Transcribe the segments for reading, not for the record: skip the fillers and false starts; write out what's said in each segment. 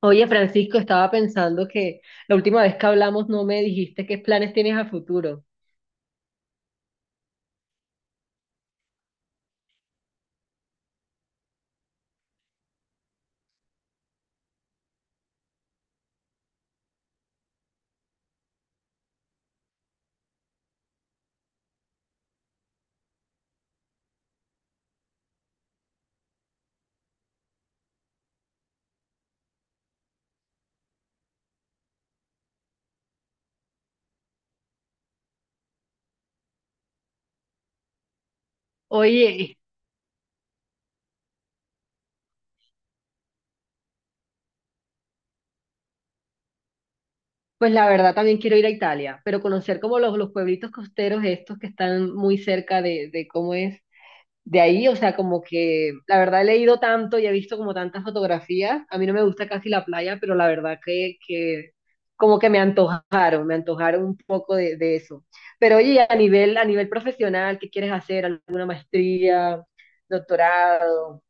Oye, Francisco, estaba pensando que la última vez que hablamos no me dijiste qué planes tienes a futuro. Oye, pues la verdad también quiero ir a Italia, pero conocer como los pueblitos costeros estos que están muy cerca de cómo es de ahí, o sea, como que la verdad he leído tanto y he visto como tantas fotografías. A mí no me gusta casi la playa, pero la verdad que como que me antojaron un poco de eso. Pero oye, a nivel profesional, ¿qué quieres hacer? ¿Alguna maestría, doctorado?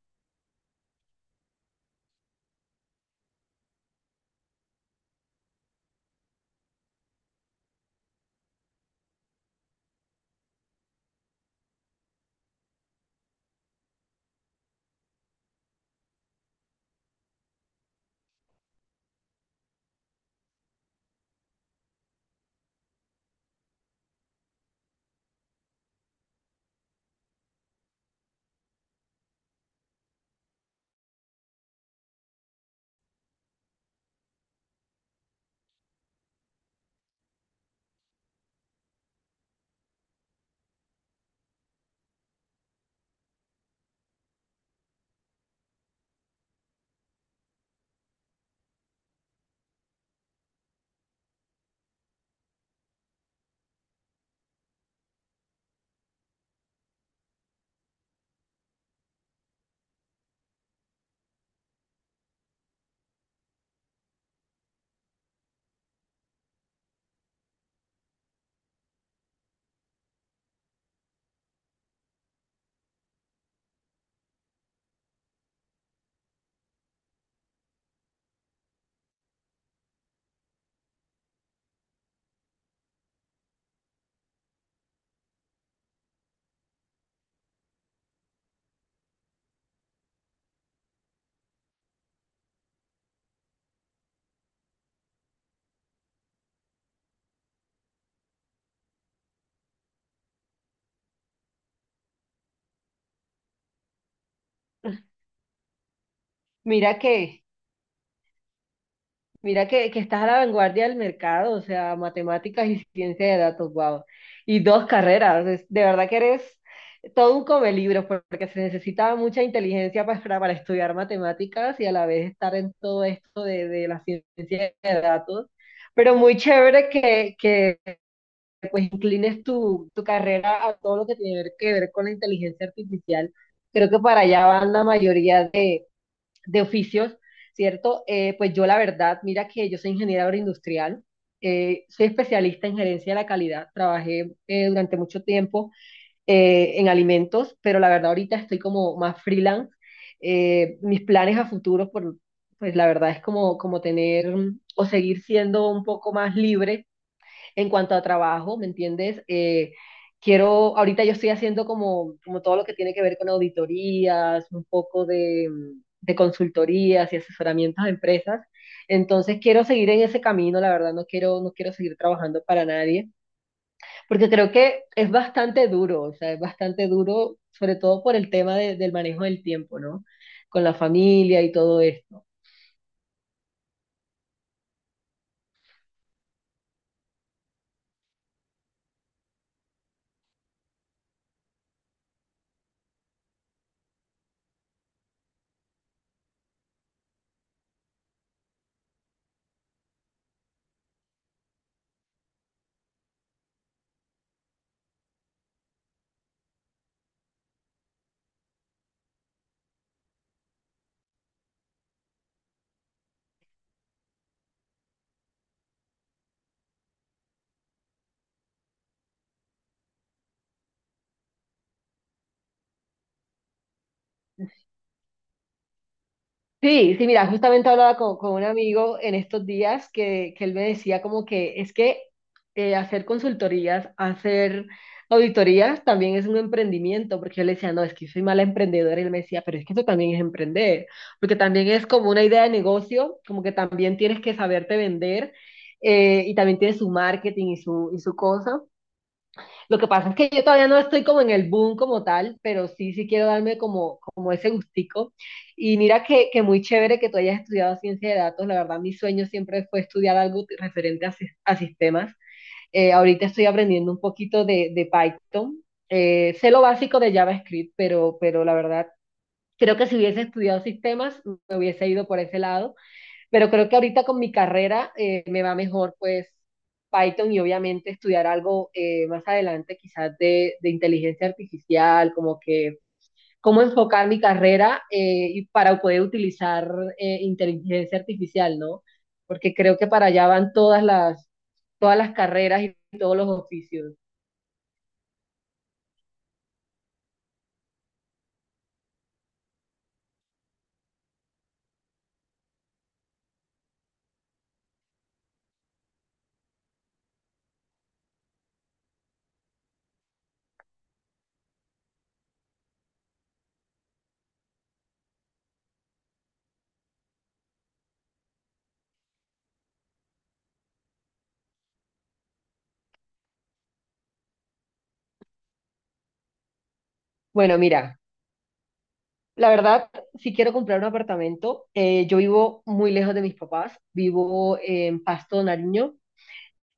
Mira que, mira que estás a la vanguardia del mercado, o sea, matemáticas y ciencia de datos, wow. Y dos carreras, de verdad que eres todo un come libros, porque se necesita mucha inteligencia para estudiar matemáticas y a la vez estar en todo esto de la ciencia de datos. Pero muy chévere que pues inclines tu carrera a todo lo que tiene que ver con la inteligencia artificial. Creo que para allá van la mayoría de oficios, ¿cierto? Pues yo la verdad, mira que yo soy ingeniera agroindustrial, soy especialista en gerencia de la calidad, trabajé durante mucho tiempo en alimentos, pero la verdad ahorita estoy como más freelance. Mis planes a futuro, pues la verdad es como, como tener mm, o seguir siendo un poco más libre en cuanto a trabajo, ¿me entiendes? Ahorita yo estoy haciendo como, como todo lo que tiene que ver con auditorías, un poco de consultorías y asesoramientos a empresas. Entonces quiero seguir en ese camino, la verdad no quiero seguir trabajando para nadie, porque creo que es bastante duro, o sea, es bastante duro, sobre todo por el tema del manejo del tiempo, ¿no? Con la familia y todo esto. Sí, sí, mira, justamente hablaba con un amigo en estos días que él me decía como que es que hacer consultorías, hacer auditorías también es un emprendimiento, porque yo le decía, no, es que soy mala emprendedora, y él me decía, pero es que eso también es emprender, porque también es como una idea de negocio, como que también tienes que saberte vender y también tienes su marketing y y su cosa. Lo que pasa es que yo todavía no estoy como en el boom como tal, pero sí, sí quiero darme como, como ese gustico. Y mira que muy chévere que tú hayas estudiado ciencia de datos. La verdad, mi sueño siempre fue estudiar algo referente a, a sistemas. Ahorita estoy aprendiendo un poquito de Python. Sé lo básico de JavaScript, pero la verdad, creo que si hubiese estudiado sistemas, me hubiese ido por ese lado pero creo que ahorita con mi carrera me va mejor, pues, Python y obviamente estudiar algo más adelante, quizás de inteligencia artificial, como que cómo enfocar mi carrera y para poder utilizar inteligencia artificial, ¿no? Porque creo que para allá van todas las carreras y todos los oficios. Bueno, mira, la verdad, si quiero comprar un apartamento, yo vivo muy lejos de mis papás, vivo en Pasto, Nariño.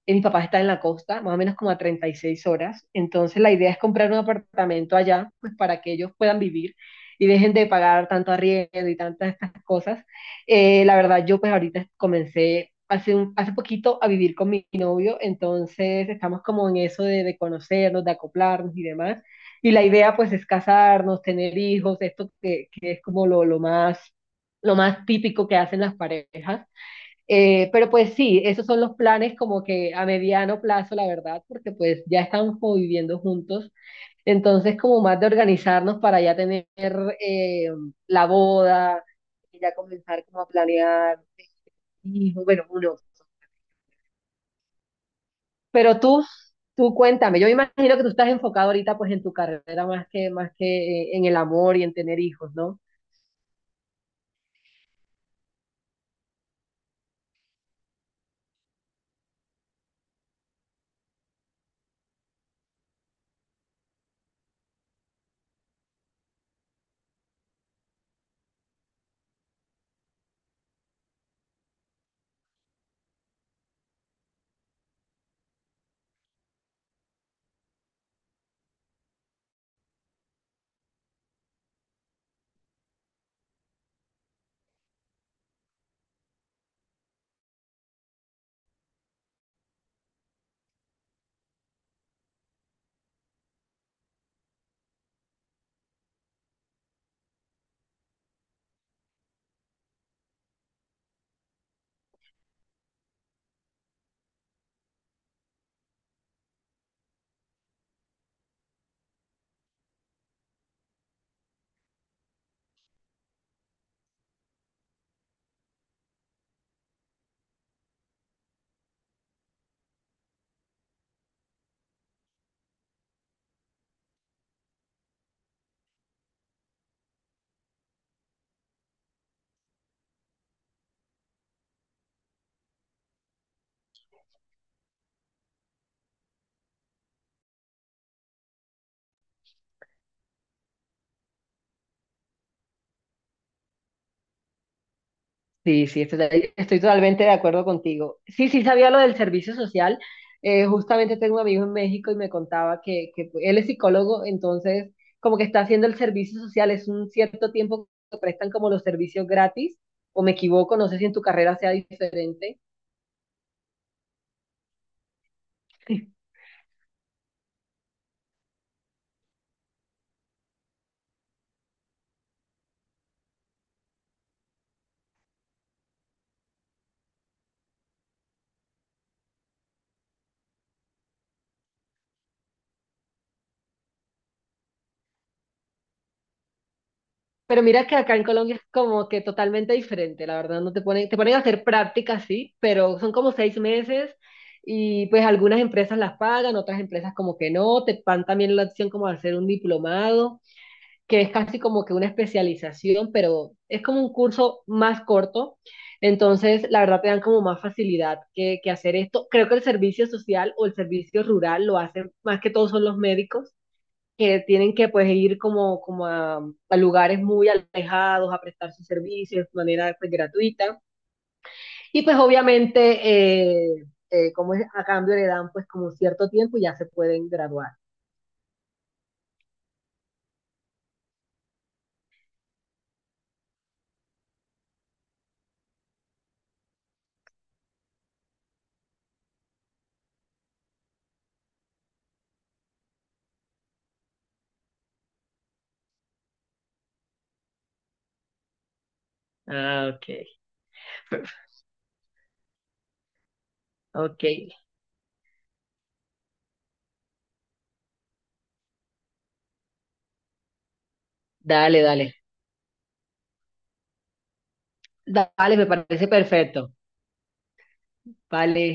Mi papá está en la costa, más o menos como a 36 horas. Entonces la idea es comprar un apartamento allá, pues para que ellos puedan vivir y dejen de pagar tanto arriendo y tantas estas cosas. La verdad, yo pues ahorita comencé hace, hace poquito a vivir con mi novio, entonces estamos como en eso de conocernos, de acoplarnos y demás. Y la idea pues es casarnos, tener hijos, esto que es como lo más típico que hacen las parejas. Pero pues sí, esos son los planes como que a mediano plazo, la verdad, porque pues ya estamos como viviendo juntos. Entonces, como más de organizarnos para ya tener eh, la boda y ya comenzar como a planear hijos, bueno, uno. Pero tú cuéntame, yo me imagino que tú estás enfocado ahorita pues en tu carrera más que en el amor y en tener hijos, ¿no? Sí, sí, estoy totalmente de acuerdo contigo. Sí, sí, sabía lo del servicio social. Justamente tengo un amigo en México y me contaba que él es psicólogo, entonces como que está haciendo el servicio social, es un cierto tiempo que prestan como los servicios gratis, o me equivoco, no sé si en tu carrera sea diferente. Pero mira que acá en Colombia es como que totalmente diferente, la verdad, no te ponen, te ponen a hacer prácticas, sí, pero son como 6 meses y pues algunas empresas las pagan, otras empresas como que no, te dan también la opción como de hacer un diplomado, que es casi como que una especialización, pero es como un curso más corto, entonces la verdad te dan como más facilidad que hacer esto. Creo que el servicio social o el servicio rural lo hacen más que todos son los médicos que tienen que pues ir como, a lugares muy alejados a prestar sus servicios de manera pues, gratuita. Y pues obviamente, como es, a cambio le dan pues como cierto tiempo y ya se pueden graduar. Ah, ok, ok. Dale, dale. Dale, me parece perfecto. Vale.